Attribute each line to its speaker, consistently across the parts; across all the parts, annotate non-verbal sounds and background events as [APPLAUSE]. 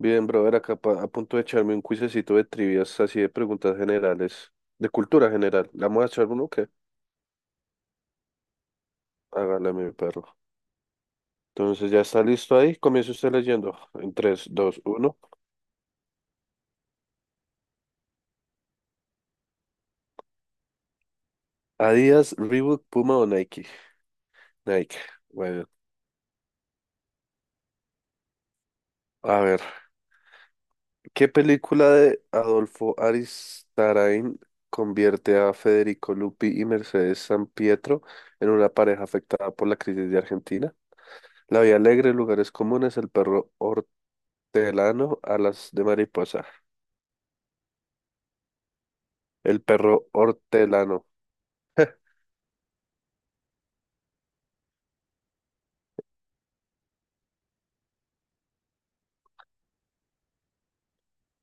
Speaker 1: Bien, brother, acá a punto de echarme un cuisecito de trivias, así de preguntas generales, de cultura general. ¿La vamos a echar uno o qué? Hágale, mi perro. Entonces, ¿ya está listo ahí? Comienza usted leyendo. En 3 2 1. Adidas, Reebok, Puma o Nike. Nike. Bueno, a ver. ¿Qué película de Adolfo Aristarain convierte a Federico Lupi y Mercedes Sampietro en una pareja afectada por la crisis de Argentina? La Vía Alegre, Lugares Comunes, El Perro Hortelano, alas de mariposa. El perro hortelano. [LAUGHS]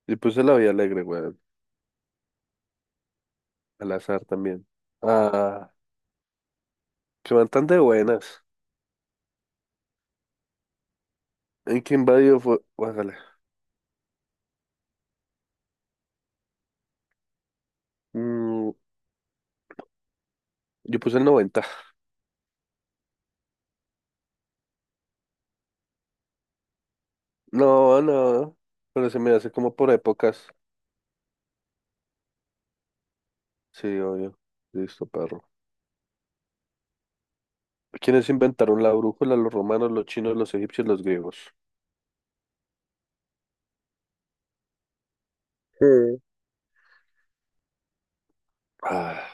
Speaker 1: Y puse la vida alegre, weón. Al azar también. Ah, que van tan de buenas. ¿En qué invadió fue? Bájale. Mm, yo puse el 90. No, no. Pero se me hace como por épocas. Sí, obvio. Listo, perro. ¿Quiénes inventaron la brújula? Los romanos, los chinos, los egipcios, los griegos. Sí. Ah,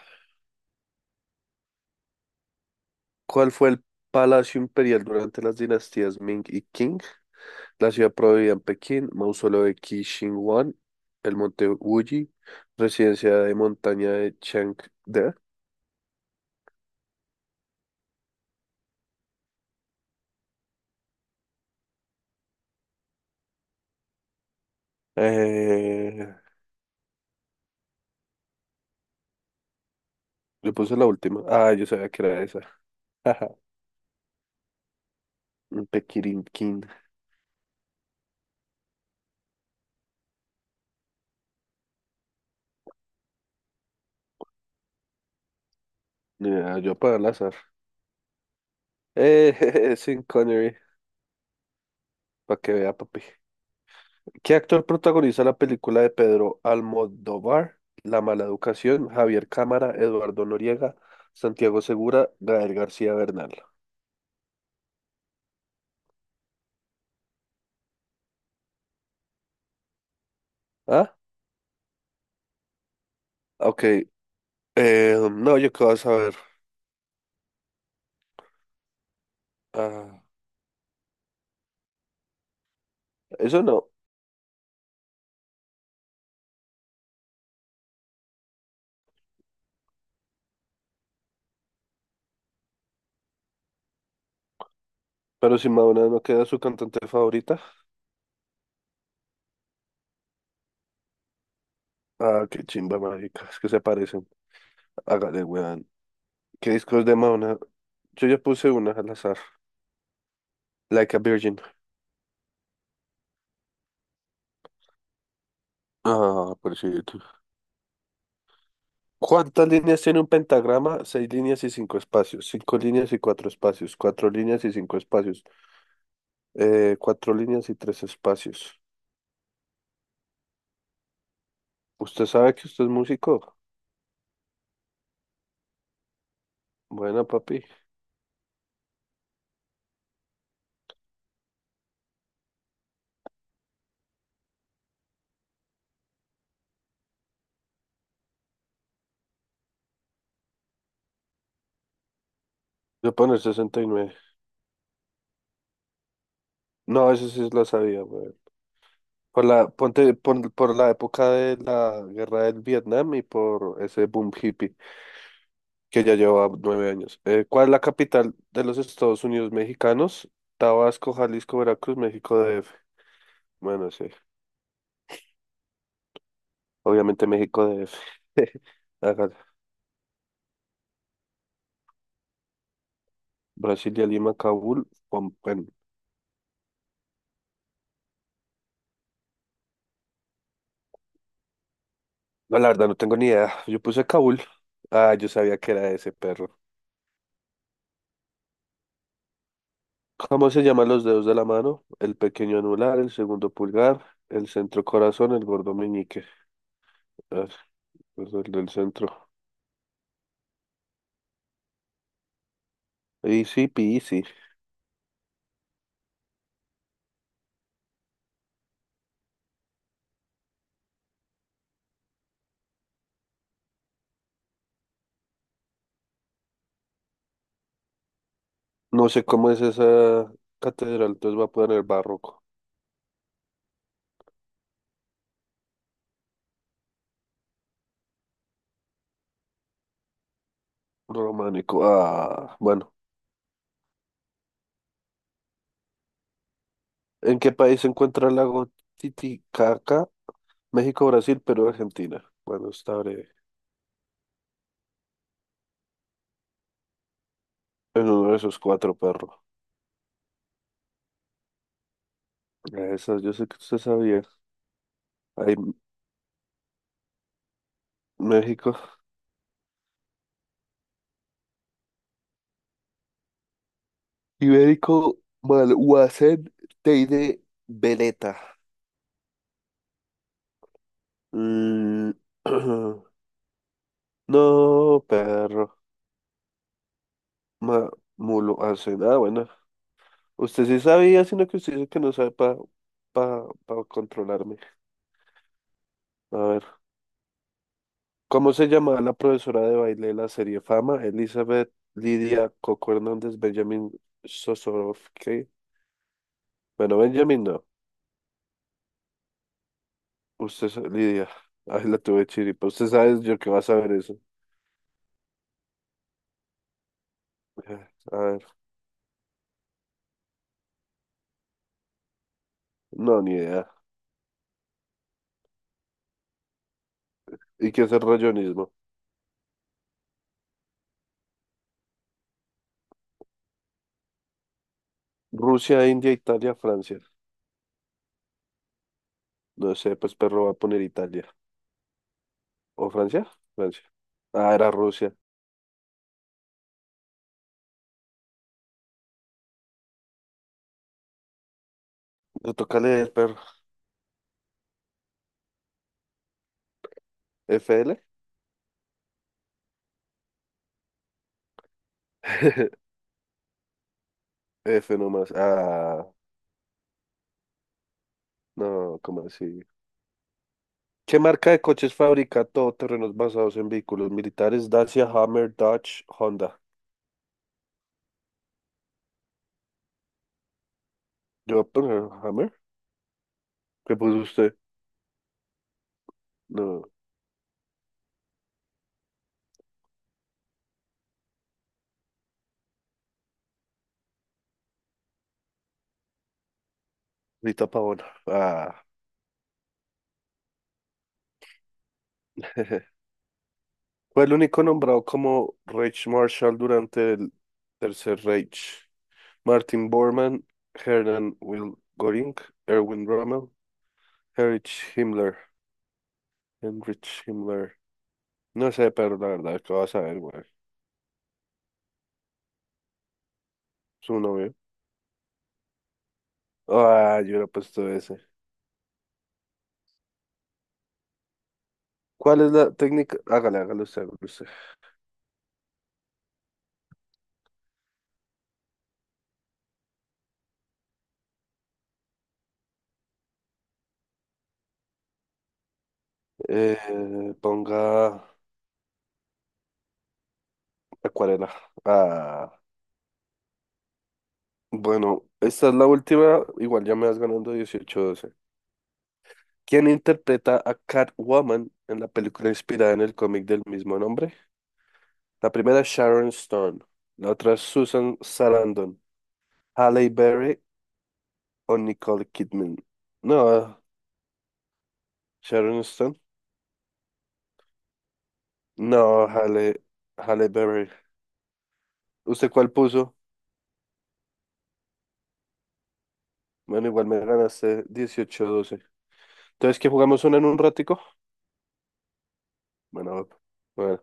Speaker 1: ¿cuál fue el palacio imperial durante las dinastías Ming y Qing? La ciudad prohibida en Pekín, mausoleo de Qi Shi Huang, el monte Wuyi, residencia de montaña de Changde. Eh, yo puse la última. Ah, yo sabía que era esa. [LAUGHS] Jaja, un Pekirinquín. Ah, yo para el azar. [LAUGHS] Jeje, Sean Connery, para que vea, papi. ¿Qué actor protagoniza la película de Pedro Almodóvar? La mala educación, Javier Cámara, Eduardo Noriega, Santiago Segura, Gael García Bernal. ¿Ah? Ok. No, yo qué vas a ver. Ah, eso no. Pero si Madonna no queda su cantante favorita. Ah, qué chimba mágica. Es que se parecen. Hágale, weón. ¿Qué discos de Madonna? Yo ya puse una al azar. Like a Virgin. Ah, por cierto. ¿Cuántas líneas tiene un pentagrama? Seis líneas y cinco espacios. Cinco líneas y cuatro espacios. Cuatro líneas y cinco espacios. Cuatro líneas y tres espacios. ¿Usted sabe que usted es músico? Bueno, papi. Voy a poner 69. No, esa sí la sabía, weón. Por la época de la guerra del Vietnam y por ese boom hippie que ya lleva 9 años. ¿Cuál es la capital de los Estados Unidos mexicanos? Tabasco, Jalisco, Veracruz, México DF. Bueno, sí, obviamente México DF. [LAUGHS] Hágale. Brasilia, Lima, Kabul. Bueno, no, la verdad no tengo ni idea. Yo puse Kabul. Ah, yo sabía que era ese perro. ¿Cómo se llaman los dedos de la mano? El pequeño anular, el segundo pulgar, el centro corazón, el gordo meñique. Ah, pues el del centro. Easy peasy. No sé cómo es esa catedral, entonces va a poner barroco, románico. Ah, bueno. ¿En qué país se encuentra el lago Titicaca? México, Brasil, Perú, Argentina. Bueno, está breve. En uno de esos cuatro perros. Esas, yo sé que usted sabía. Hay México. Ibérico, Malhuacén, Teide, Veleta. Mm, [CLEARS THROAT] No, perro. Ma, mulo, hacen. Ah, bueno, usted sí sabía, sino que usted dice que no sabe para pa, pa pa controlarme. A ver, ¿cómo se llamaba la profesora de baile de la serie Fama? Elizabeth Lidia Coco Hernández, Benjamin Sosorovsky. Bueno, Benjamin no. Lidia. Ay, la tuve chiripa. Usted sabe yo que va a saber eso. A ver, no, ni idea. ¿Y qué es el rayonismo? Rusia, India, Italia, Francia. No sé, pues perro va a poner Italia. ¿O Francia? Francia. Ah, era Rusia. Le toca leer, perro. ¿F L? [LAUGHS] F nomás. Ah, no, ¿cómo así? ¿Qué marca de coches fabrica todoterrenos basados en vehículos militares? Dacia, Hammer, Dodge, Honda. Yo poner Hammer. ¿Qué puso usted? No, Rita Pavón. Ah, [LAUGHS] fue el único nombrado como Reich Marshal durante el Tercer Reich. Martin Bormann, Hermann Will Göring, Erwin Rommel, Heinrich Himmler. Heinrich Himmler. No sé, pero la verdad, ¿qué vas a ver, güey? Su nombre. Ah, yo hubiera puesto ese. ¿Cuál es la técnica? Hágale, hágale usted, hágale usted. Eh, ponga acuarela. Ah, bueno, esta es la última. Igual ya me vas ganando 18-12. ¿Quién interpreta a Catwoman en la película inspirada en el cómic del mismo nombre? La primera es Sharon Stone. La otra es Susan Sarandon. Halle Berry o Nicole Kidman. No, Sharon Stone. No, Halle, Halle Berry. ¿Usted cuál puso? Bueno, igual me ganaste 18 doce. Entonces, ¿qué jugamos una en un ratico? Bueno, bueno.